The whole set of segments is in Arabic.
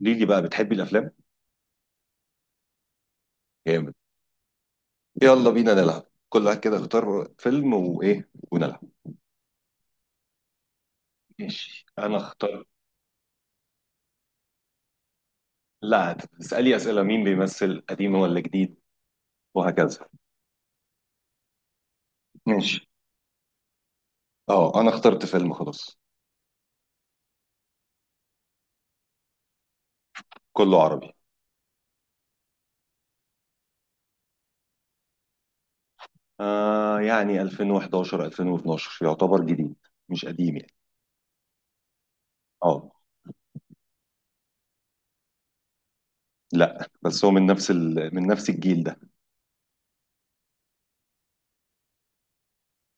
قولي لي بقى بتحبي الافلام. جامد. يلا بينا نلعب، كل واحد كده اختار فيلم وايه ونلعب. ماشي، انا اختار. لا، تسالي اسئله: مين بيمثل، قديم ولا جديد، وهكذا. ماشي. اه انا اخترت فيلم، خلاص. كله عربي. يعني 2011 2012 يعتبر جديد، مش قديم يعني. اه. لا، بس هو من نفس من نفس الجيل ده.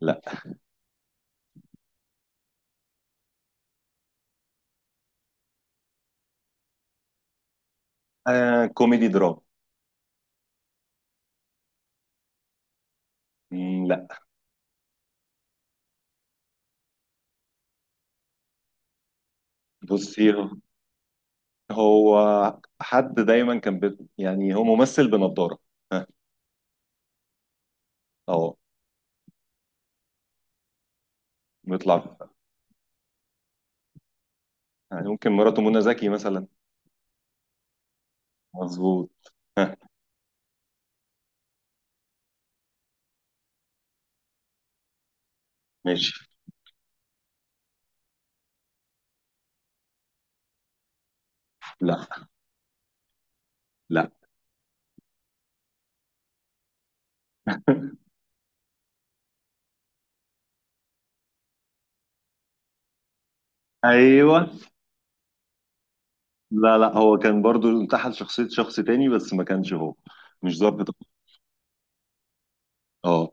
لا. كوميدي دراما. لا. بصي، هو حد دايما كان يعني هو ممثل بنضارة. اه، بيطلع. يعني ممكن مراته منى زكي مثلا. مظبوط، ها. ماشي. لا لا. ايوه. لا، لا هو كان برضو انتحل شخصية شخص تاني، بس ما كانش هو. مش ظابط. اه،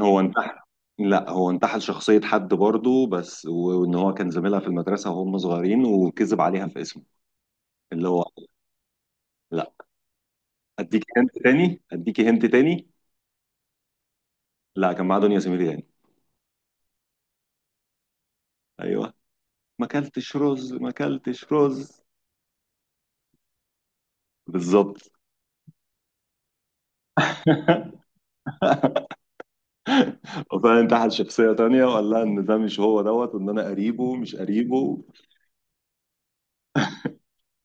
هو انتحل. لا، هو انتحل شخصية حد برضو، بس وان هو كان زميلها في المدرسة وهم صغيرين وكذب عليها في اسمه، اللي هو. لا. اديكي هنت تاني، اديكي هنت تاني. لا، كان معاه دنيا سمير غانم. ايوه. ما اكلتش رز، ما اكلتش رز. بالظبط. وفعلا تحت شخصية تانية وقال لها إن ده مش هو دوت، وإن أنا قريبه مش قريبه.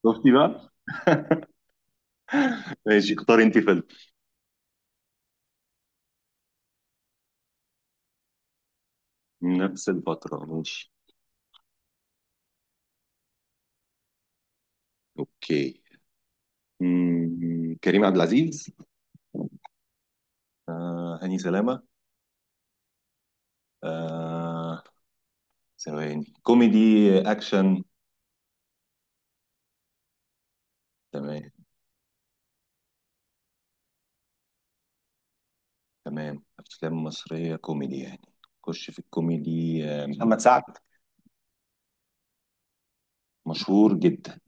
شفتي بقى؟ ماشي، اختاري أنت فيلم. نفس الفترة، ماشي. أوكي. كريم عبد العزيز. هاني سلامة. آه. ثواني. كوميدي أكشن. تمام. تمام، أفلام مصرية كوميدي يعني. خش في الكوميدي. محمد سعد. مشهور جدا.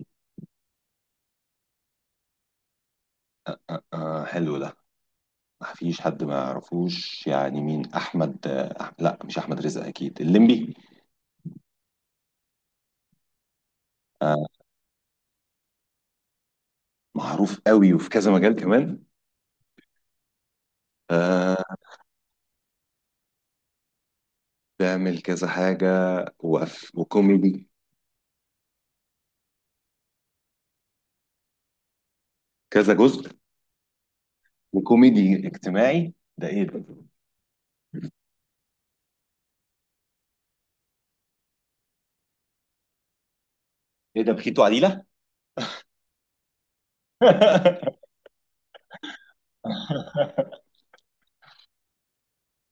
حلو ده. ما فيش حد ما يعرفوش يعني. مين؟ لا مش أحمد رزق أكيد. الليمبي. آه، معروف قوي وفي كذا مجال كمان. آه، بيعمل كذا حاجة. وكوميدي. كذا جزء. وكوميدي اجتماعي، ده ايه ده؟ ايه ده، بخيت وعديلة؟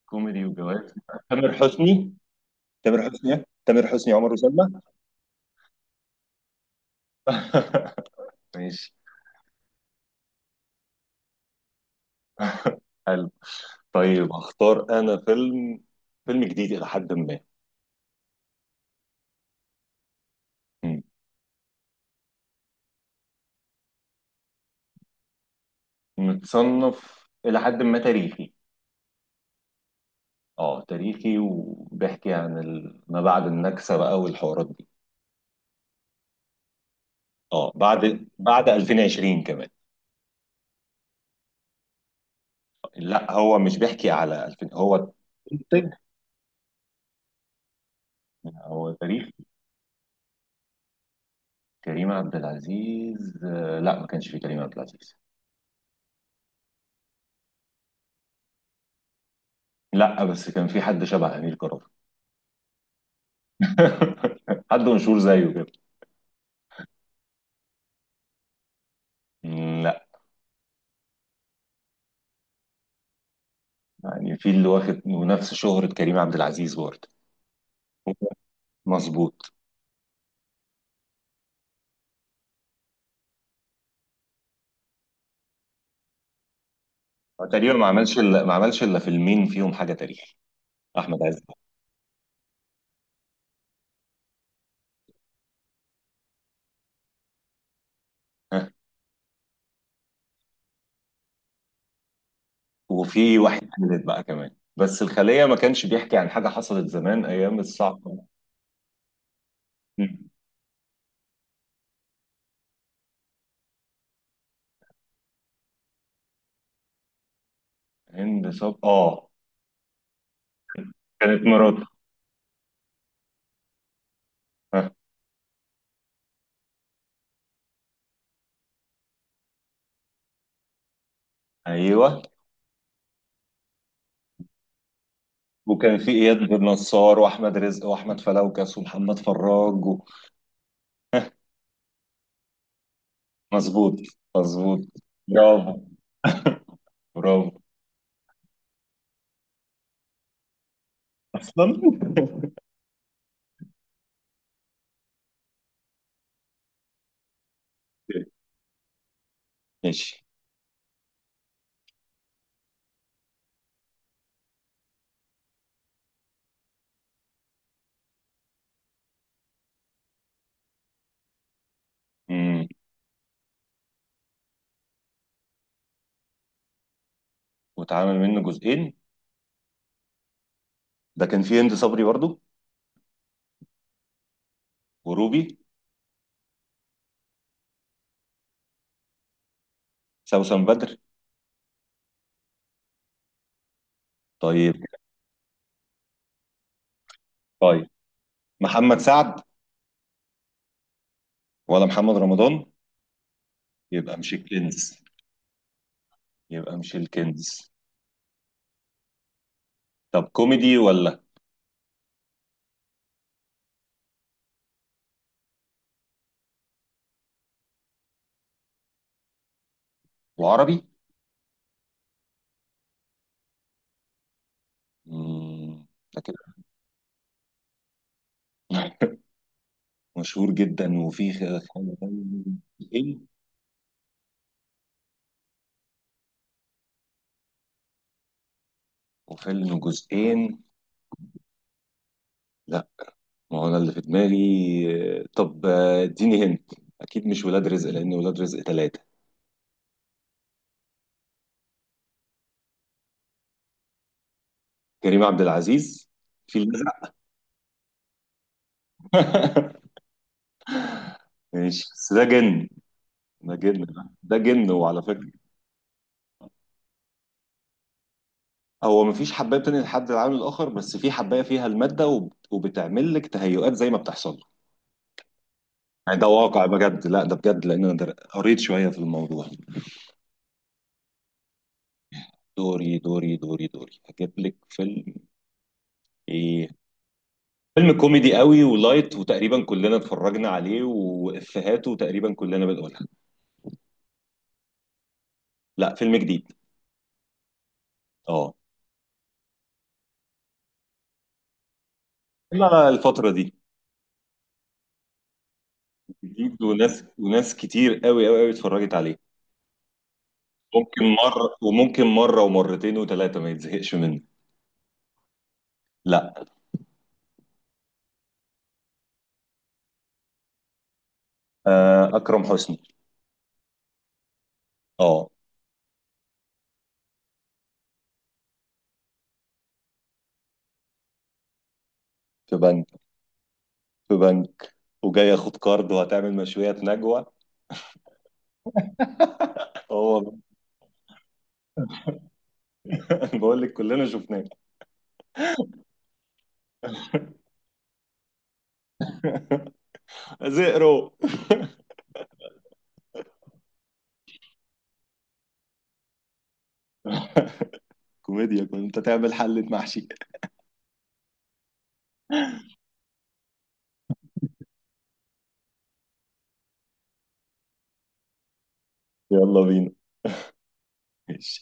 كوميدي وجواز. تامر حسني. تامر حسني إيه؟ تامر حسني، عمر وسلمى. ماشي. حلو. طيب هختار انا فيلم. فيلم جديد الى حد ما. مم. متصنف الى حد ما تاريخي. اه تاريخي، وبيحكي عن ما بعد النكسة بقى والحوارات دي. اه، بعد 2020 كمان. لا، هو مش بيحكي على 2000 هو. منتج. هو تاريخ. كريم عبد العزيز. لا ما كانش في كريم عبد العزيز. لا، بس كان في حد شبه أمير كرارة. حد مشهور زيه كده. لا. يعني في اللي واخد ونفس شهرة كريم عبد العزيز برضه. مظبوط. هو تقريبا ما عملش الا فيلمين فيهم حاجة تاريخ. أحمد عز. وفي واحد تالت بقى كمان. بس الخلية ما كانش بيحكي عن حاجة حصلت زمان أيام الصعقة. مم. هند صب، كانت مراته. ها. أيوه، وكان في إياد بن نصار وأحمد رزق وأحمد فلوكس ومحمد فراج و... مظبوط، مظبوط. برافو. برافو. أصلا. ماشي. مم. واتعمل منه جزئين. ده كان فيه هند صبري برضو، وروبي، سوسن بدر. طيب. طيب، محمد سعد ولا محمد رمضان. يبقى مش الكنز، يبقى مش الكنز. طب كوميدي ولا. وعربي. مم، ده كده. مشهور جدا، وفيه خلي بالك منه. جزئين. وفيلم جزئين. لا. ما هو انا اللي في دماغي. طب، اديني هنت. اكيد مش ولاد رزق، لان ولاد رزق ثلاثة. كريم عبد العزيز في الازرق. ماشي، بس ده جن. ده جن وعلى فكرة. هو مفيش حباية بتنقل حد العالم الاخر، بس في حباية فيها المادة وبتعمل لك تهيؤات زي ما بتحصل. يعني ده واقع بجد؟ لا ده بجد، لان انا قريت شويه في الموضوع. دوري، هجيب لك فيلم. ايه، فيلم كوميدي قوي ولايت وتقريبا كلنا اتفرجنا عليه، وافيهاته تقريبا كلنا بنقولها. لا، فيلم جديد. اه. لا، الفتره دي. جديد، وناس وناس كتير قوي قوي قوي اتفرجت عليه. ممكن مره وممكن مره ومرتين وثلاثه ما يتزهقش منه. لا. اكرم حسني. اه. في بنك. في بنك، وجاي ياخد كارد وهتعمل مشويات نجوى. هو. بقول لك كلنا شفناه. زئرو. كوميديا كنت تعمل حلة محشي. يلا بينا. ماشي.